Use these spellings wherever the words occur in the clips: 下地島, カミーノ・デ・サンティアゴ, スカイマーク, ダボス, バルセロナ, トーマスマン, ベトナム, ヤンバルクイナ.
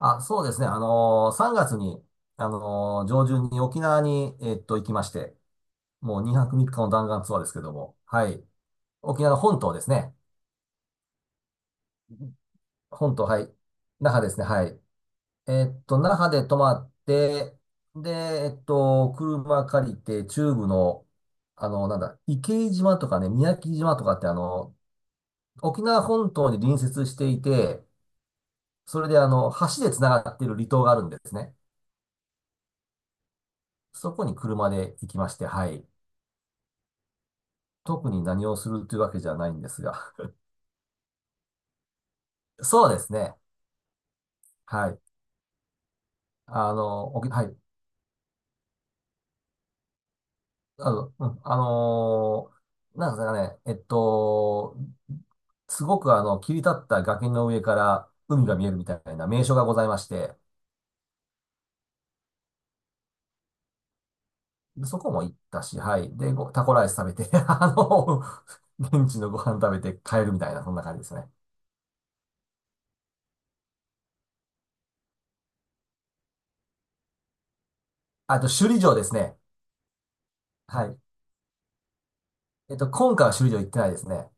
あ、そうですね。3月に、上旬に沖縄に、行きまして、もう2泊3日の弾丸ツアーですけども、はい。沖縄の本島ですね。本島、はい。那覇ですね、はい。那覇で泊まって、で、車借りて、中部の、なんだ、池井島とかね、宮城島とかって、沖縄本島に隣接していて、それで、橋で繋がっている離島があるんですね。そこに車で行きまして、はい。特に何をするというわけじゃないんですが。そうですね。はい。はい。あの、うん、あのーなんですかね。すごく切り立った崖の上から海が見えるみたいな名所がございまして、でそこも行ったし、はい。で、タコライス食べて、現地のご飯食べて帰るみたいな、そんな感じですね。あと、首里城ですね。はい。今回は首里城行ってないですね。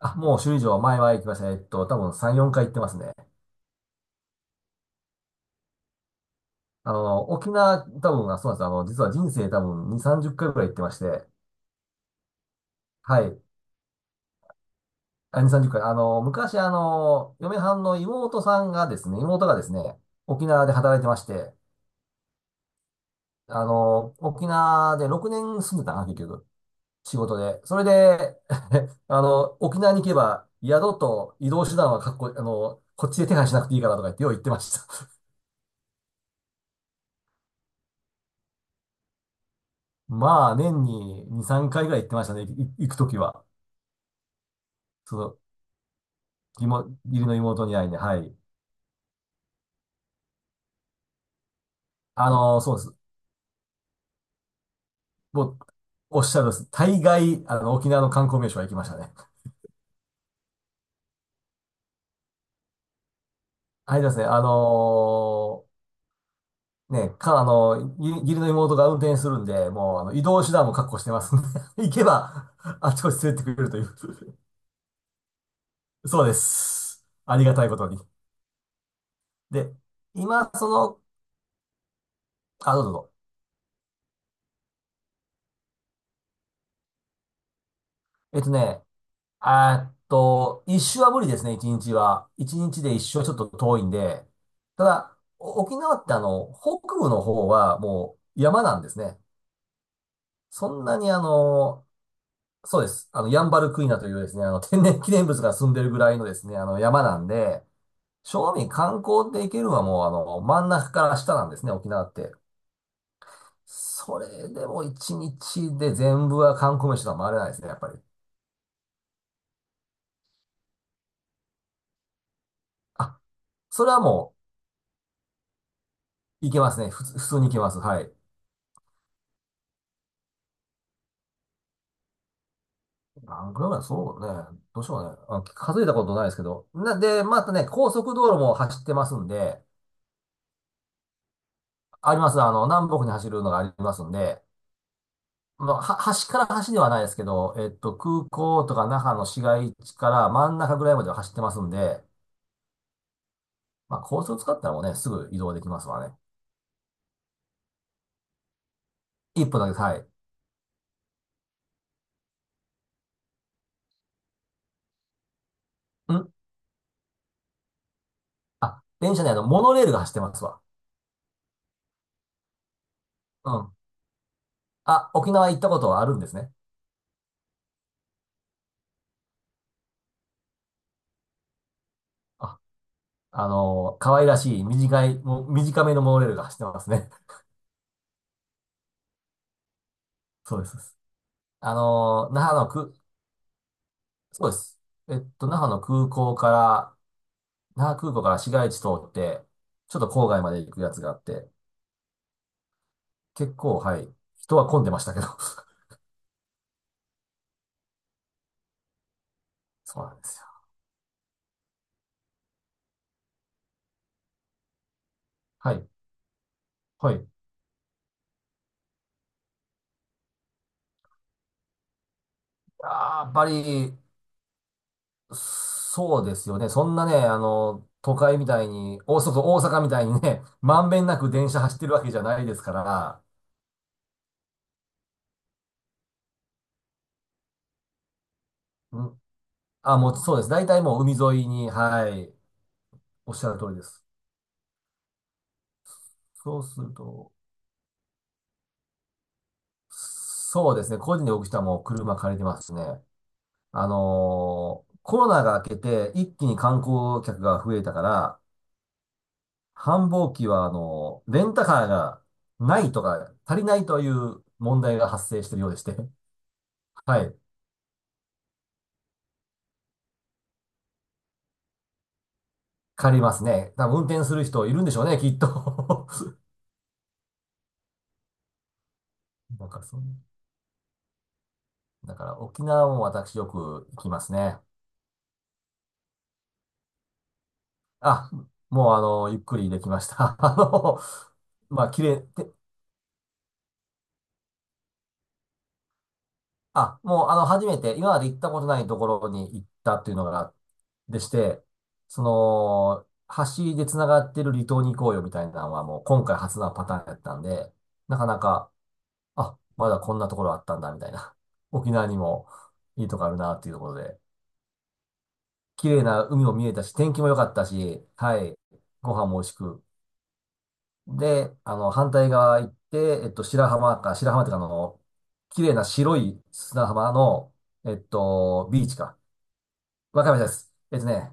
あ、もう首里城前は行きましたね。多分3、4回行ってますね。あの、沖縄、多分、あ、そうなんです。実は人生多分2、30回ぐらい行ってまして、はい。あ、2、30回。昔、嫁はんの妹さんがですね、妹がですね、沖縄で働いてまして、沖縄で6年住んでたな、結局。仕事で。それで、沖縄に行けば、宿と移動手段はかっこ、こっちで手配しなくていいからとか言って、よう言ってました。まあ、年に2、3回ぐらい行ってましたね、行くときは。その、義理の妹に会いに、はい。そうです。もう、おっしゃるです。大概、沖縄の観光名所は行きましたね。あれですね、あのーね、か、あの、義理の妹が運転するんで、もう、移動手段も確保してますんで、行けば、あちこち連れてくれるという。そうです。ありがたいことに。で、今、その、あ、どうぞどうぞ。えっとね、あーっと、一周は無理ですね、一日は。一日で一周はちょっと遠いんで。ただ、沖縄って北部の方はもう山なんですね。そんなにあの、そうです。ヤンバルクイナというですね、天然 記念物が住んでるぐらいのですね、山なんで、正味観光で行けるのはもう真ん中から下なんですね、沖縄って。それでも一日で全部は観光名所とは回れないですね、やっぱり。あ、それはもう、行けますね。普通に行けます。はい。何キロぐらい、そうね。どうしようね。あ、数えたことないですけど。で、またね、高速道路も走ってますんで、あります。南北に走るのがありますんで、まあ、端から端ではないですけど、空港とか那覇の市街地から真ん中ぐらいまでは走ってますんで、まあ、高速使ったらもうね、すぐ移動できますわね。一分だけ、はい。んあ、電車ね、モノレールが走ってますわ。うん。あ、沖縄行ったことはあるんですね。あ、可愛らしい、短い、もう短めのモノレールが走ってますね。そうです。あのー、那覇のく、そうです。えっと、那覇の空港から、那覇空港から市街地通って、ちょっと郊外まで行くやつがあって、結構、はい、人は混んでましたけど。そうなんですよ。はい、はい。あーやっぱり、そうですよね。そんなね、都会みたいに、大阪みたいにね、まんべんなく電車走ってるわけじゃないですから、うん、あ、もうそうです。大体もう海沿いに、はい、おっしゃる通りです。そうすると、そうですね。個人で動く人はもう車借りてますしね。コロナが明けて一気に観光客が増えたから、繁忙期は、レンタカーがないとか、足りないという問題が発生しているようでして。はい。借りますね。多分運転する人いるんでしょうね、きっと。なんかそう。だから沖縄も私よく行きますね。あ、もうゆっくりできました。まあ、綺麗、あ、もう、初めて、今まで行ったことないところに行ったっていうのが、でして、その、橋で繋がってる離島に行こうよみたいなのはもう今回初なパターンやったんで、なかなか、あ、まだこんなところあったんだみたいな。沖縄にもいいとこあるなっていうところで、綺麗な海も見えたし、天気も良かったし、はい、ご飯も美味しく。で、反対側行って、白浜か、白浜っていうか綺麗な白い砂浜の、ビーチか。わかめです。えっとね、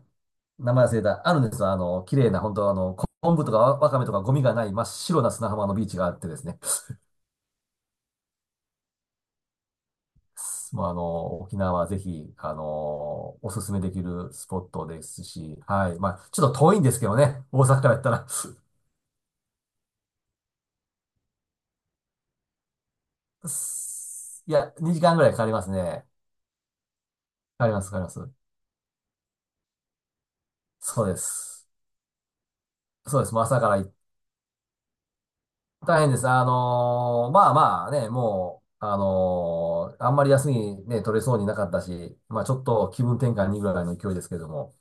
名前忘れた。あるんですよ。綺麗な、本当昆布とかわかめとかゴミがない真っ白な砂浜のビーチがあってですね。もう沖縄はぜひ、おすすめできるスポットですし、はい。まあ、ちょっと遠いんですけどね。大阪からやったら。いや、2時間ぐらいかかりますね。かかります。そうです。そうです。もう朝から行っ大変です。まあまあね、もう、あんまり休みね、取れそうになかったし、まあちょっと気分転換にぐらいの勢いですけれども。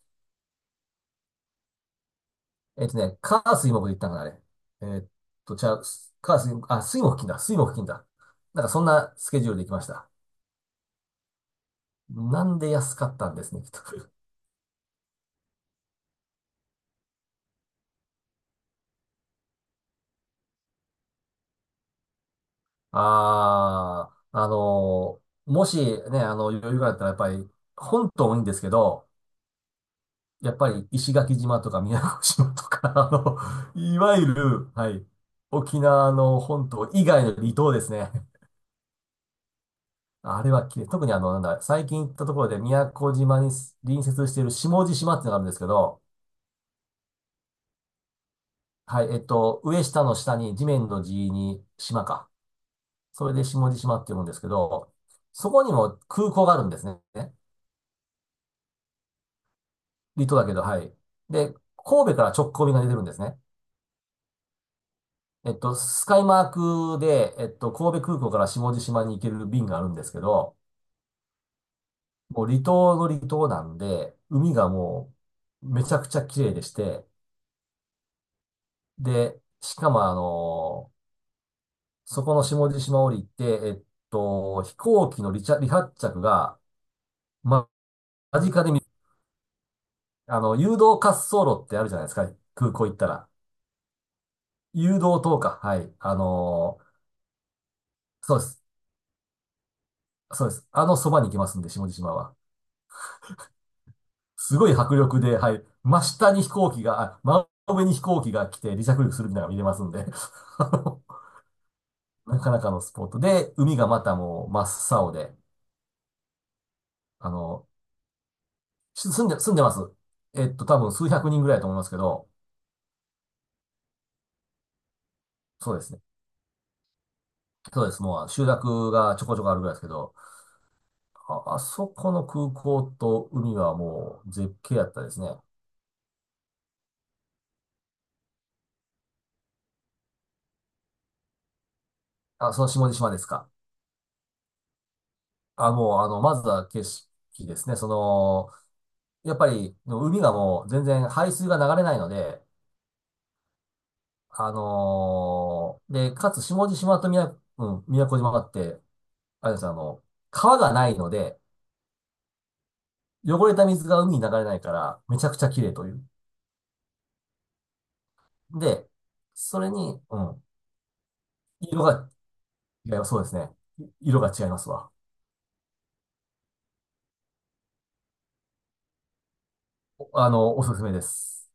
えっとね、火水木で行ったんかな、あれ。えーっと、じゃあ、す火水、あ、水木金だ、水木金だ。なんかそんなスケジュールで行きました。なんで安かったんですね、きっと。ああ、もしね、余裕があったらやっぱり、本島もいいんですけど、やっぱり石垣島とか宮古島とか、いわゆる、はい、沖縄の本島以外の離島ですね。あれは綺麗。特になんだ、最近行ったところで宮古島に隣接している下地島っていうのがあるんですけど、はい、上下の下に地面の地に島か。それで下地島って読むんですけど、そこにも空港があるんですね。離島だけど、はい。で、神戸から直行便が出てるんですね。スカイマークで、神戸空港から下地島に行ける便があるんですけど、もう離島の離島なんで、海がもうめちゃくちゃ綺麗でして、で、しかもそこの下地島降りて、飛行機の離発着が、ま、間近で誘導滑走路ってあるじゃないですか、空港行ったら。誘導灯か、はい。そうです。そうです。そばに行きますんで、下地島は。すごい迫力で、はい。真下に飛行機が、あ、真上に飛行機が来て離着陸するみたいなのが見れますんで、あのなかなかのスポットで、海がまたもう真っ青で、あの、し住んで、住んでます。多分数百人ぐらいだと思いますけど、そうですね。そうです。もう集落がちょこちょこあるぐらいですけど、あ、あそこの空港と海はもう絶景やったですね。あ、その下地島ですか。あ、もう、まずは景色ですね。その、やっぱり、海がもう全然排水が流れないので、かつ下地島と宮、うん、宮古島があって、あれです川がないので、汚れた水が海に流れないから、めちゃくちゃ綺麗という。で、それに、うん、色が、いますそうですね。色が違いますわ。おすすめです。